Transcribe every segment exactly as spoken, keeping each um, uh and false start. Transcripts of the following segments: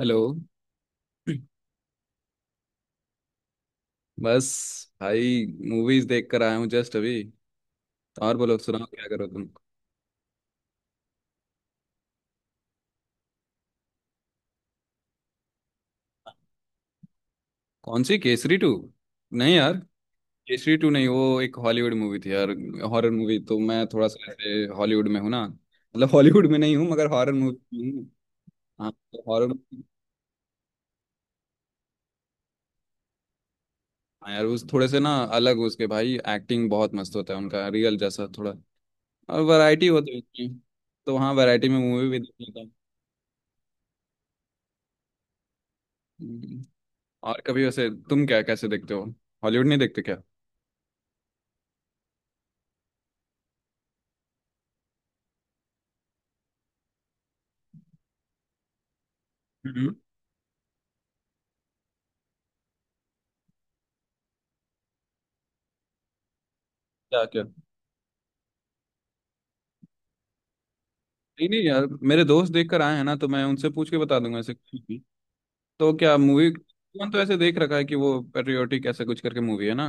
Hello. बस, भाई movies देख कर आया हूँ जस्ट अभी। और बोलो सुनाओ, क्या करो तुम? कौन सी केसरी टू? नहीं यार, केसरी टू नहीं, वो एक हॉलीवुड मूवी थी यार। हॉरर मूवी, तो मैं थोड़ा सा ऐसे हॉलीवुड में हूँ ना, मतलब हॉलीवुड में नहीं हूँ मगर हॉरर मूवी हूँ। हाँ तो हॉरर। हाँ यार, उस थोड़े से ना अलग उसके, भाई एक्टिंग बहुत मस्त होता है उनका, रियल जैसा थोड़ा। और वैरायटी होती है उसकी। तो हाँ, वैरायटी में मूवी भी देख लेता हूँ। हम्म, और कभी वैसे तुम क्या कैसे देखते हो? हॉलीवुड नहीं देखते क्या? हम्म। क्या क्या? नहीं नहीं यार, मेरे दोस्त देख कर आए हैं ना, तो मैं उनसे पूछ के बता दूंगा ऐसे कुछ भी। तो क्या मूवी, कौन तो ऐसे देख रखा है कि वो पेट्रियोटिक ऐसा कुछ करके मूवी है ना।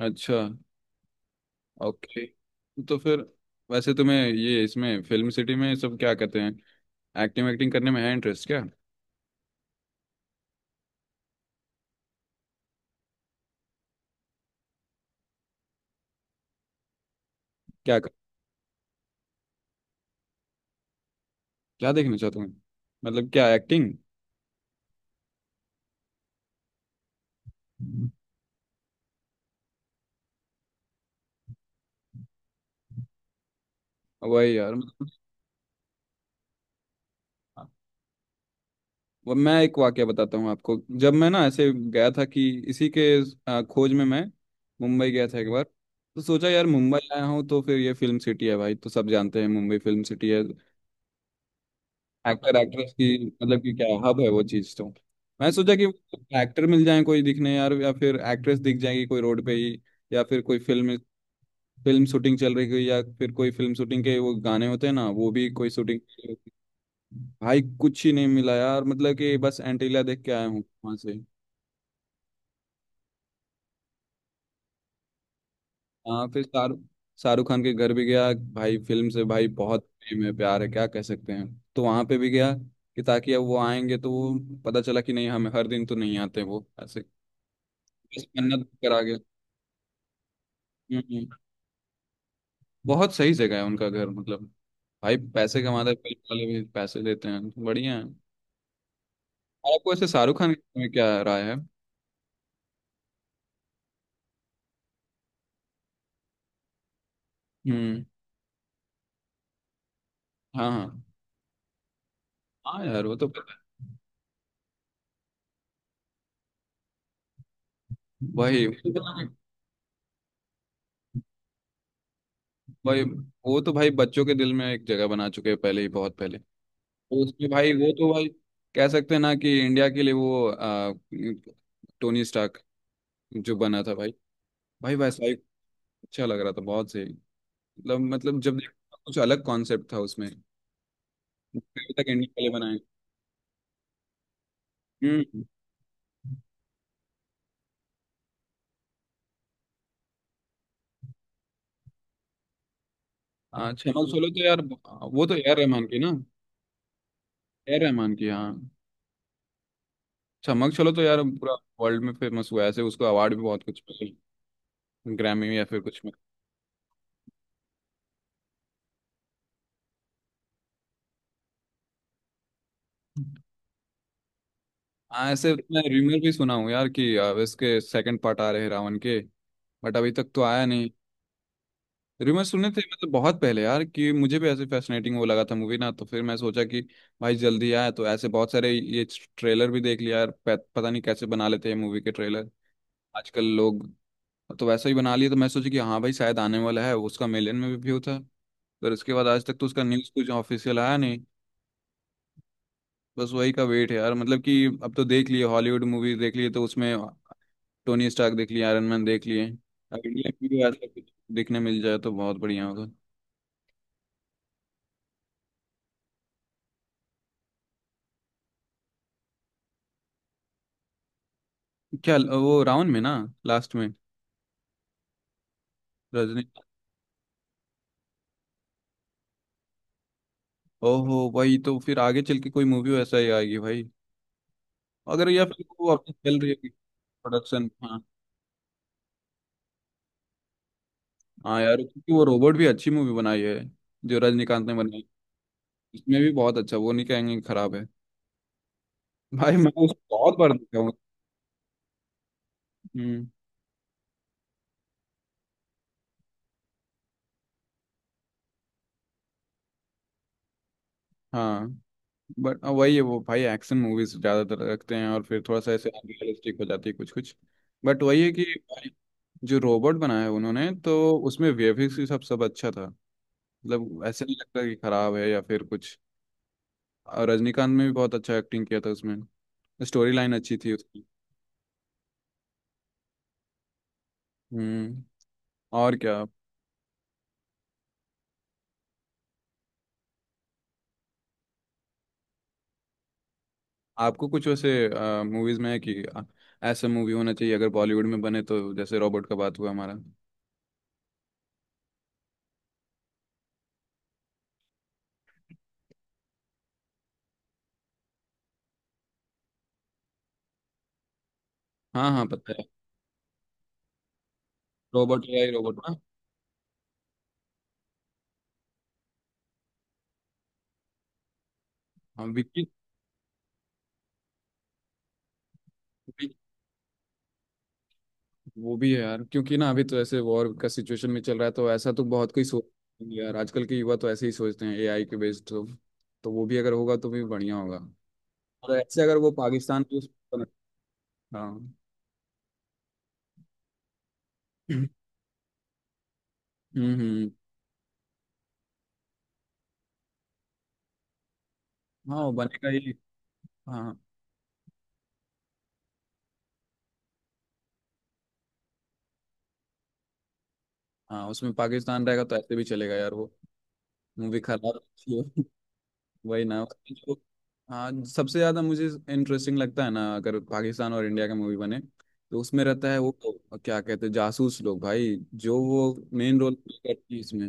अच्छा, ओके। तो फिर वैसे तुम्हें ये इसमें फिल्म सिटी में सब क्या कहते हैं, एक्टिंग एक्टिंग करने में है इंटरेस्ट क्या? क्या क्या देखना चाहते हो? मतलब क्या एक्टिंग? वही यार मतलब, वो मैं एक वाक्य बताता हूँ आपको। जब मैं ना ऐसे गया था कि इसी के आ, खोज में, मैं मुंबई गया था एक बार। तो सोचा यार, मुंबई आया हूँ तो फिर ये फिल्म सिटी है भाई, तो सब जानते हैं मुंबई फिल्म सिटी है, एक्टर एक्ट्रेस की मतलब कि क्या हब है वो चीज़। तो मैं सोचा कि एक्टर मिल जाए कोई दिखने यार, या फिर एक्ट्रेस दिख जाएगी कोई रोड पे ही, या फिर कोई फिल्म, फिल्म शूटिंग चल रही हुई, या फिर कोई फिल्म शूटिंग के वो गाने होते हैं ना, वो भी कोई शूटिंग। भाई कुछ ही नहीं मिला यार, मतलब कि बस एंटीला देख के आया हूँ वहां से। हाँ, फिर शाहरुख शाहरुख खान के घर भी गया भाई, फिल्म से भाई बहुत प्रेम है, प्यार है क्या कह सकते हैं। तो वहां पे भी गया कि ताकि अब वो आएंगे तो वो, पता चला कि नहीं, हमें हर दिन तो नहीं आते वो ऐसे। बस मन्नत करा गया। हम्म, हम्म। बहुत सही जगह है उनका घर, मतलब भाई पैसे कमाते हैं, फिल्म वाले भी पैसे देते हैं, बढ़िया है। और आपको ऐसे शाहरुख खान के बारे में क्या राय है? हम्म। हाँ हाँ। हाँ यार वो तो पता है। वही। वही, वो तो भाई बच्चों के दिल में एक जगह बना चुके हैं पहले ही, बहुत पहले। तो उसमें भाई वो तो भाई, कह सकते हैं ना कि इंडिया के लिए वो आ, टोनी स्टार्क जो बना था भाई, भाई वैसा ही। अच्छा लग रहा था, बहुत सही। मतलब मतलब जब देखा कुछ अलग कॉन्सेप्ट था उसमें, अभी तक इंडिया के लिए बनाए। हम्म। हाँ, छमक चलो तो यार, वो तो ए आर रहमान की ना। ए आर रहमान की, हाँ। छमक चलो तो यार पूरा वर्ल्ड में फेमस हुआ है, ऐसे उसको अवार्ड भी बहुत कुछ मिले, ग्रैमी या फिर कुछ में। हाँ ऐसे मैं र्यूमर भी सुना हूँ यार कि आ, इसके सेकंड पार्ट आ रहे हैं रावण के, बट अभी तक तो आया नहीं। रिमर सुने थे मतलब, बहुत पहले यार कि मुझे भी ऐसे फैसिनेटिंग वो लगा था मूवी ना, तो फिर मैं सोचा कि भाई जल्दी आए, तो ऐसे बहुत सारे ये ट्रेलर भी देख लिया यार। प- पता नहीं कैसे बना लेते हैं मूवी के ट्रेलर आजकल लोग। तो वैसा ही बना लिए तो मैं सोचा कि हाँ भाई शायद आने वाला है, उसका मिलियन में भी व्यू था। पर उसके बाद आज तक तो उसका न्यूज़ कुछ ऑफिशियल आया नहीं। बस वही का वेट है यार, मतलब कि अब तो देख लिए हॉलीवुड मूवी, देख लिए तो उसमें टोनी स्टार्क देख लिए, आयरन मैन देख लिए, अब इंडिया में भी तो ऐसा कुछ देखने मिल जाए तो बहुत बढ़िया होगा। क्या, वो रावण में ना लास्ट में? रजनी। ओहो भाई, तो फिर आगे चल के कोई मूवी वैसा ही आएगी भाई, अगर, या फिर वो अपनी चल रही है प्रोडक्शन। हाँ। हाँ यार, क्योंकि वो रोबोट भी अच्छी मूवी बनाई है जो रजनीकांत ने बनाई। इसमें भी बहुत अच्छा, वो नहीं कहेंगे कि खराब है भाई, मैं उस बहुत बार देखा हूँ। हम्म। हाँ, बट वही है वो भाई, एक्शन मूवीज ज्यादातर रखते हैं और फिर थोड़ा सा ऐसे अनरियलिस्टिक हो जाती है कुछ कुछ। बट वही है कि भाई, जो रोबोट बनाया है उन्होंने तो, उसमें वीएफएक्स भी सब सब अच्छा था। मतलब ऐसे नहीं लगता कि खराब है या फिर कुछ, और रजनीकांत ने भी बहुत अच्छा एक्टिंग किया था उसमें, स्टोरी लाइन अच्छी थी उसकी। हम्म। और क्या? आपको कुछ वैसे मूवीज में है कि आ, ऐसा मूवी होना चाहिए अगर बॉलीवुड में बने, तो जैसे रोबोट का बात हुआ हमारा। हाँ हाँ, पता है। रोबोट, या रोबोट ना। हाँ विक्की। विक्की- वो भी है यार, क्योंकि ना अभी तो ऐसे वॉर का सिचुएशन में चल रहा है, तो ऐसा तो बहुत कोई सोच, नहीं यार आजकल के युवा तो ऐसे ही सोचते हैं एआई के बेस्ड। तो तो वो भी अगर होगा तो भी बढ़िया होगा। और ऐसे अगर वो पाकिस्तान की। हाँ। हम्म, हम्म। हाँ वो बनेगा ही। हाँ हाँ, उसमें पाकिस्तान रहेगा तो ऐसे भी चलेगा यार, वो मूवी खराब अच्छी हो। वही ना उसमें जो, हाँ सबसे ज्यादा मुझे इंटरेस्टिंग लगता है ना अगर पाकिस्तान और इंडिया का मूवी बने, तो उसमें रहता है वो, क्या कहते हैं, जासूस लोग भाई, जो वो मेन रोल प्ले करती है इसमें।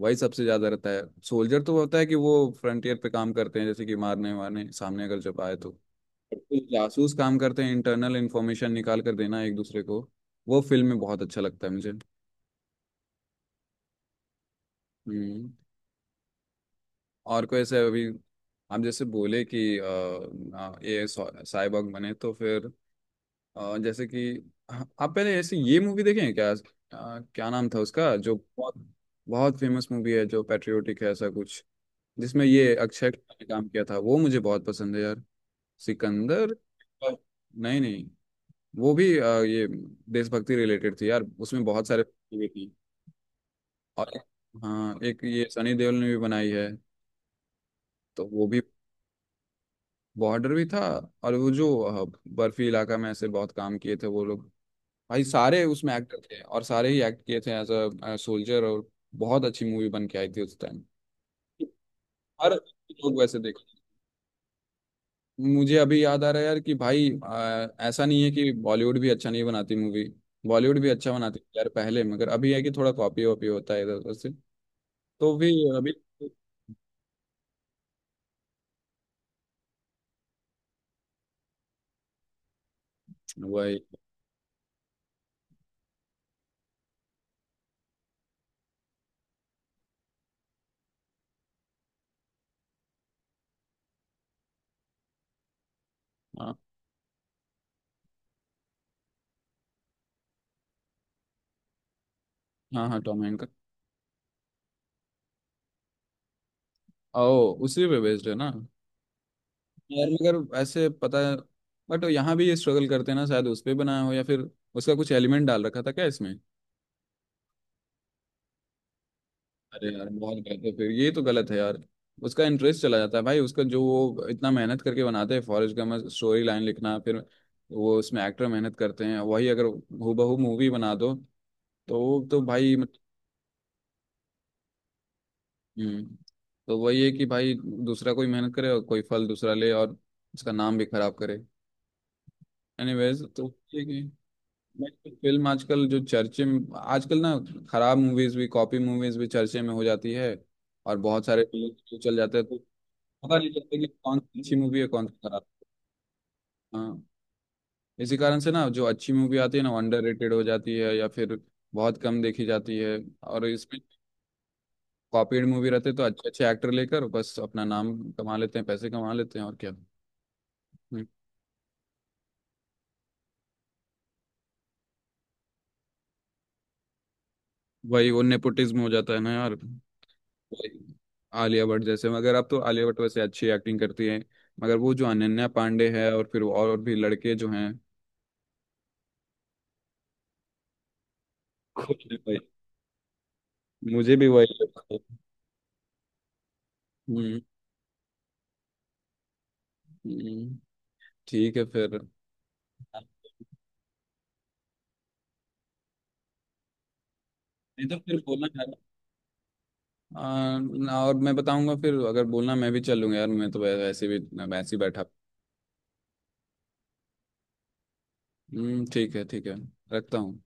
वही सबसे ज्यादा रहता है। सोल्जर तो होता है कि वो फ्रंटियर पे काम करते हैं, जैसे कि मारने वारने सामने अगर जब आए तो, जो जासूस काम करते हैं इंटरनल इंफॉर्मेशन निकाल कर देना एक दूसरे को, वो फिल्म में बहुत अच्छा लगता है मुझे। हम्म। और कोई ऐसे अभी, आप जैसे बोले कि अ, अ, ये सा- साइबॉग बने तो फिर, अ, जैसे कि आप पहले ऐसे ये मूवी देखे हैं क्या, अ, क्या नाम था उसका, जो बहुत बहुत फेमस मूवी है जो पैट्रियोटिक है ऐसा कुछ, जिसमें ये अक्षय कुमार ने काम किया था, वो मुझे बहुत पसंद है यार। सिकंदर। नहीं नहीं, वो भी अ, ये देशभक्ति रिलेटेड थी यार, उसमें बहुत सारे भी थी। और हाँ, एक ये सनी देओल ने भी बनाई है तो वो भी। बॉर्डर भी था। और वो जो अ, बर्फी इलाका में ऐसे बहुत काम किए थे वो लोग, भाई सारे उसमें एक्टर थे और सारे ही एक्ट किए थे एज अ सोल्जर, और बहुत अच्छी मूवी बन के आई थी उस टाइम। हर लोग वैसे देख, मुझे अभी याद आ रहा है यार कि भाई अ, ऐसा नहीं है कि बॉलीवुड भी अच्छा नहीं बनाती मूवी, बॉलीवुड भी अच्छा बनाती थी यार पहले, मगर अभी है कि थोड़ा कॉपी वॉपी होता है इधर उधर से। तो भी अभी वही। हाँ हाँ, हाँ टॉम हैंक का। ओ उसी पे बेस्ड है ना? यार मगर ऐसे पता है, बट यहाँ भी ये स्ट्रगल करते हैं ना, शायद उस पे बनाया हो या फिर उसका कुछ एलिमेंट डाल रखा था क्या इसमें? अरे यार बहुत गलत है फिर, ये तो गलत है यार। उसका इंटरेस्ट चला जाता है भाई, उसका जो वो इतना मेहनत करके बनाते हैं फॉरेस्ट गम स्टोरी लाइन लिखना, फिर वो उसमें एक्टर मेहनत करते हैं, वही अगर हूबहू मूवी बना दो तो वो तो भाई। हम्म। तो वही है कि भाई, दूसरा कोई मेहनत करे और कोई फल दूसरा ले, और उसका नाम भी खराब करे। एनीवेज, तो ये है कि मैं- फिल्म आजकल जो चर्चे में आजकल ना, खराब मूवीज भी, कॉपी मूवीज भी चर्चे में हो जाती है, और बहुत सारे फिल्म चल जाते हैं। तो पता नहीं चलता कि कौन सी अच्छी मूवी है कौन सी खराब। हाँ। इसी कारण से ना, जो अच्छी मूवी आती है ना अंडर रेटेड हो जाती है, या फिर बहुत कम देखी जाती है। और इसमें कॉपीड मूवी रहते तो अच्छे अच्छे एक्टर लेकर बस अपना नाम कमा लेते हैं, पैसे कमा लेते हैं, और क्या। हम्म, वही वो नेपोटिज्म हो जाता है ना यार। वही, आलिया भट्ट जैसे, मगर अब तो आलिया भट्ट वैसे अच्छी एक्टिंग करती है, मगर वो जो अनन्या पांडे है, और फिर और भी लड़के जो हैं, खुद ने वही, मुझे भी वही लगता है। हम्म। हम्म, ठीक है फिर। नहीं तो फिर बोलना यार, आ, ना, और मैं बताऊंगा। फिर अगर बोलना मैं भी चलूंगा यार, मैं तो वै- वैसे भी वैसे ही बैठा हूँ। हम्म, ठीक है ठीक है, रखता हूँ।